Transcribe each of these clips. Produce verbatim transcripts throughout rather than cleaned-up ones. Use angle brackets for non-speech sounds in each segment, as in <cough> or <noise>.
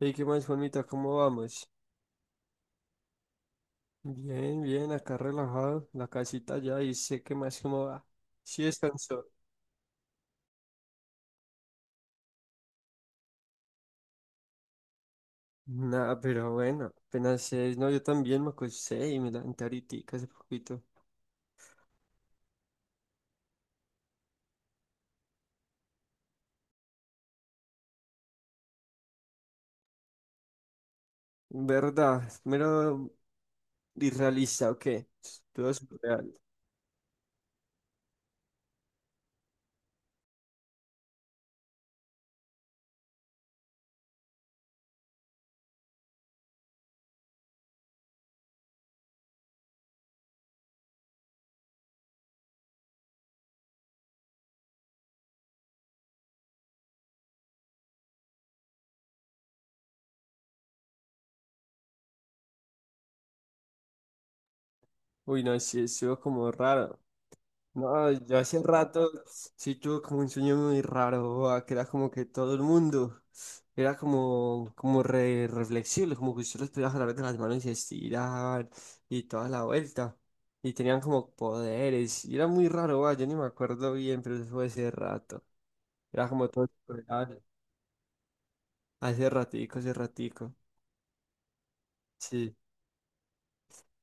Hey, ¿qué más, Juanmita? ¿Cómo vamos? Bien, bien, acá relajado, la casita ya y sé qué más cómo va. Sí descansó. Nada, pero bueno, apenas es, no, yo también me acosté y me levanté ahorita hace poquito. ¿Verdad? Mero irrealista, ¿o qué? Todo surreal. Uy, no, sí, estuvo como raro. No, yo hace rato sí tuve como un sueño muy raro, boa, que era como que todo el mundo era como, como re- reflexible, como que usted los podía jalar de las manos y estirar y toda la vuelta. Y tenían como poderes, y era muy raro, boa, yo ni me acuerdo bien, pero eso fue hace rato. Era como todo superado, hace ratico, hace ratico. Sí.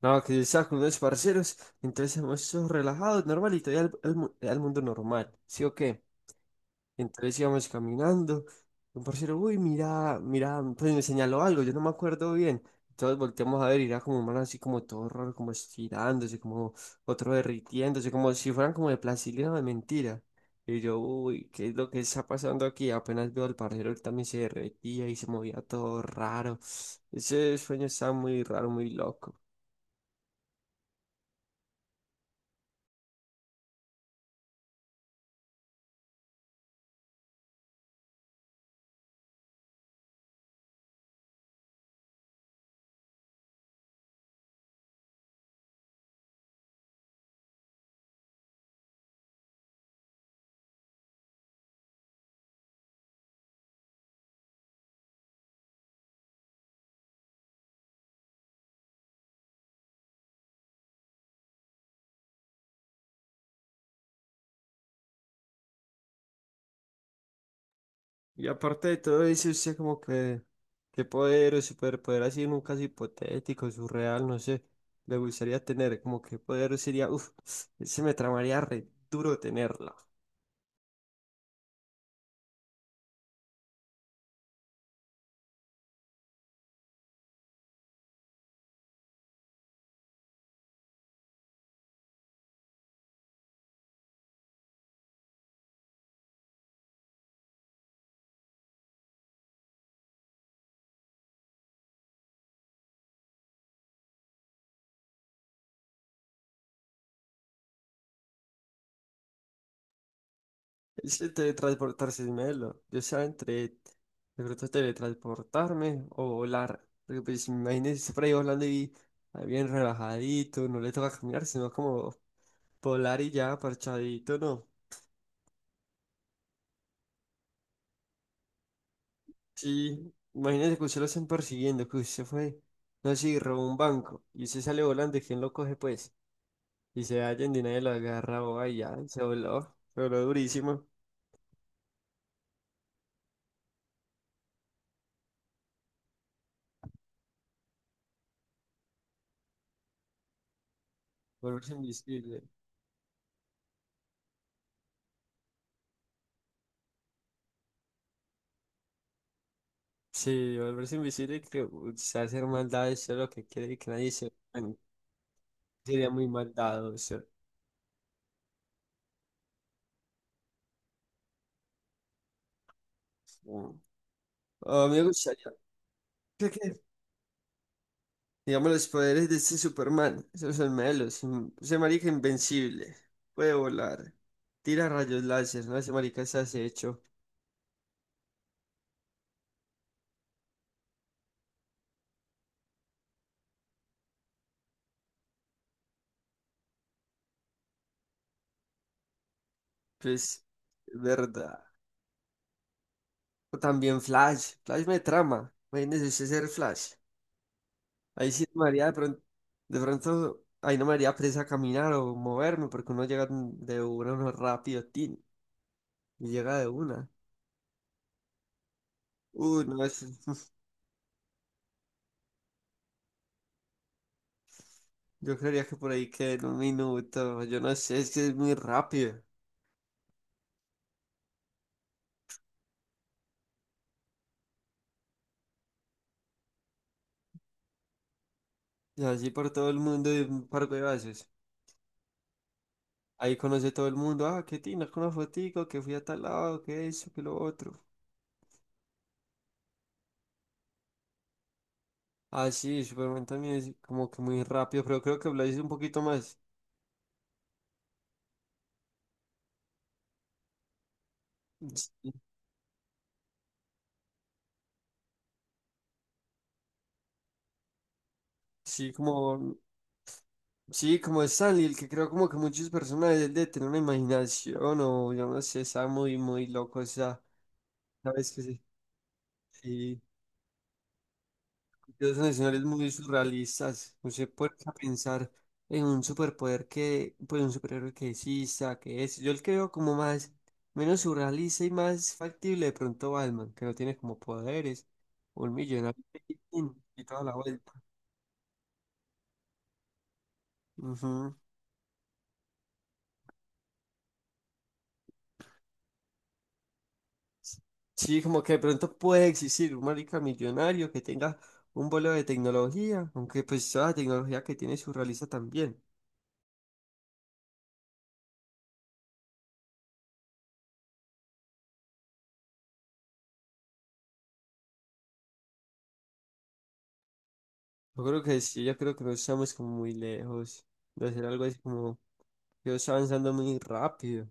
No, que yo estaba con unos parceros, entonces estamos todos relajados, normal, y todavía al, al mu- al mundo normal, ¿sí o qué? Entonces íbamos caminando. Un parcero, uy, mira, mira, pues me señaló algo, yo no me acuerdo bien. Todos volteamos a ver y era como un man así como todo raro, como estirándose, como otro derritiéndose, como si fueran como de plastilina o de mentira. Y yo, uy, ¿qué es lo que está pasando aquí? Apenas veo al parcero, él también se derretía y se movía todo raro. Ese sueño estaba muy raro, muy loco. Y aparte de todo eso, usted como que, qué poder o superpoder así en un caso hipotético, surreal, no sé, le gustaría tener, como qué poder sería, uff, ese me tramaría re duro tenerlo. <laughs> Ese teletransportarse es melo, yo sea entre, de pronto teletransportarme o volar, porque pues imagínese usted por ahí volando y ahí bien relajadito, no le toca caminar, sino como volar y ya, parchadito, ¿no? Sí, imagínese que usted lo estén persiguiendo, que usted fue, no sé, y robó un banco y usted sale volando, ¿y ¿quién lo coge pues? Y se halla en nadie lo agarra, o ay, ya, se voló, se voló durísimo, volverse invisible. Sí, volverse invisible, y que o sea, hacer maldades, eso es lo que quiere y que nadie se... bueno, Sería muy maldado, eso. Mm. Ah, me gustaría. Digamos, los poderes de este Superman, esos son melos. in- Ese marica invencible, puede volar, tira rayos láser, ¿no? Ese marica es acecho, pues, verdad. O también Flash, Flash me trama, imagínese usted ser Flash. Ahí sí me haría de pronto, de pronto, ahí no me haría presa caminar o moverme, porque uno llega de una, uno rápido, tin, y llega de una. Uy, no, es- <laughs> yo creería que por ahí queda en un minuto, yo no sé, es que es muy rápido. Y así por todo el mundo de un par de veces. Ahí conoce todo el mundo. Ah, qué tina, con una fotico, que fui a tal lado, que eso, que lo otro. Ah, sí, Superman también es como que muy rápido, pero creo que Blaze es un poquito más. Sí, sí, como. Sí, como Stanley, el que creo como que muchos personajes él de tener una imaginación o yo no sé, está muy, muy loco, o sea, ¿sabes que sí, sí? Los nacionales muy surrealistas. No se puede pensar en un superpoder que, pues un superhéroe que exista, que es. Yo el creo como más, menos surrealista y más factible de pronto Batman, que no tiene como poderes, un millonario y y toda la vuelta. Ujú. Sí, como que de pronto puede existir un marica millonario que tenga un vuelo de tecnología, aunque pues toda la tecnología que tiene surrealista también. Yo creo que sí, yo creo que no estamos como muy lejos de hacer algo así como yo estoy avanzando muy rápido.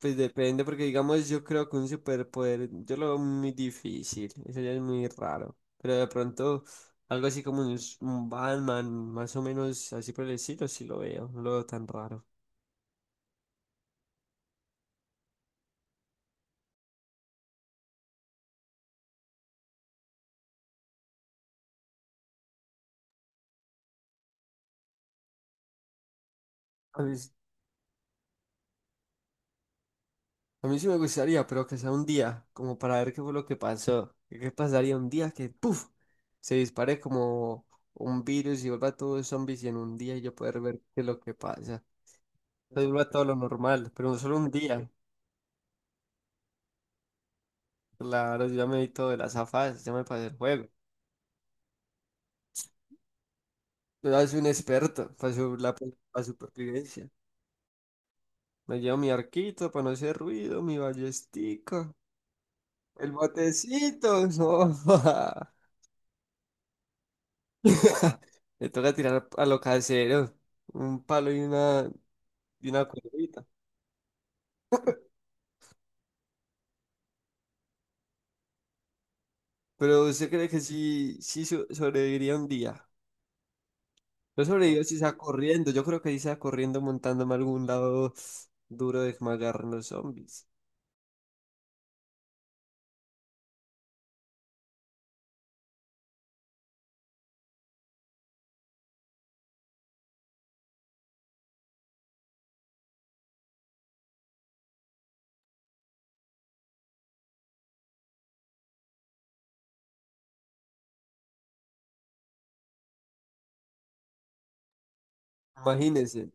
Pues depende, porque digamos, yo creo que un superpoder, yo lo veo muy difícil, eso ya es muy raro. Pero de pronto, algo así como un, s- un Batman, más o menos así por el estilo, sí lo veo, no lo veo tan raro. A mí, s- a mí sí me gustaría, pero que sea un día, como para ver qué fue lo que pasó. ¿Qué qué pasaría un día que, ¡puf! Se dispare como un virus y vuelva todos zombies y en un día yo poder ver qué es lo que pasa. Entonces vuelva todo lo normal, pero no solo un día. Claro, yo ya me vi todo de las afas, ya me pasé el juego. Yo ya soy un experto para la para supervivencia. Me llevo mi arquito para no hacer ruido, mi ballestica, el botecito, no. <laughs> Le toca tirar a lo casero, un palo y una, y una cuerdita. Pero ¿usted cree que sí, sí so- sobreviviría un día? Yo sobrevivo si sea corriendo, yo creo que si sea corriendo montándome a algún lado duro de que me agarren los zombies. Imagínense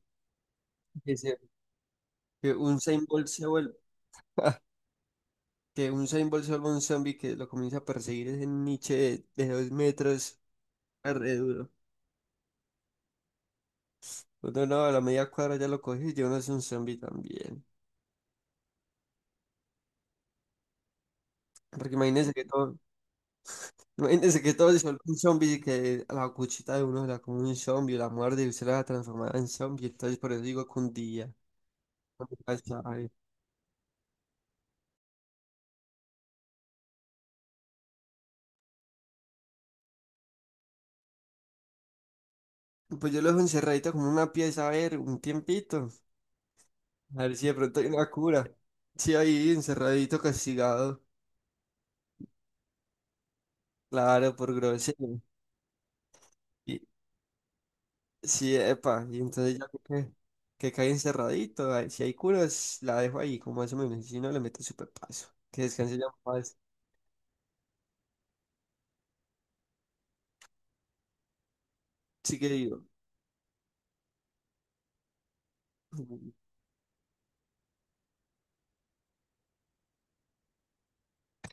que un Usain Bolt se vuelva <laughs> que un Usain Bolt se vuelva un zombie que lo comienza a perseguir ese niche de, de dos metros, ah, re duro. Uno no, a la media cuadra ya lo cogió y yo no es un zombie también. Porque imagínense que todo, imagínense que todo se vuelve un zombie y que a la cuchita de uno se la come un zombie, la muerde y usted la transformada en zombie. Entonces por eso digo que un día. Nunca sabe. Pues yo lo dejo encerradito como una pieza, a ver, un tiempito. A ver si de pronto hay una cura. Sí, ahí encerradito, castigado. Claro, por grosero. Y, sí, epa, y entonces ya que, que cae encerradito, ay, si hay curas, la dejo ahí, como eso mismo, si no le meto súper paso, que descanse ya más, sí que digo,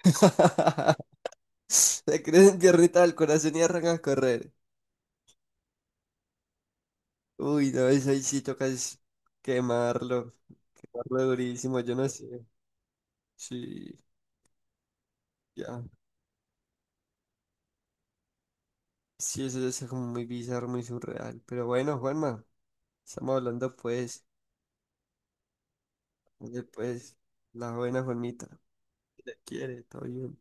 <laughs> se creen piernita <laughs> del corazón y arranca a correr, uy, no, eso ahí sí toca es quemarlo, quemarlo durísimo, yo no sé, sí, ya, sí, eso es como muy bizarro, muy surreal, pero bueno, Juanma, estamos hablando pues, oye, pues, la buena Juanmita, te quiere, todo bien.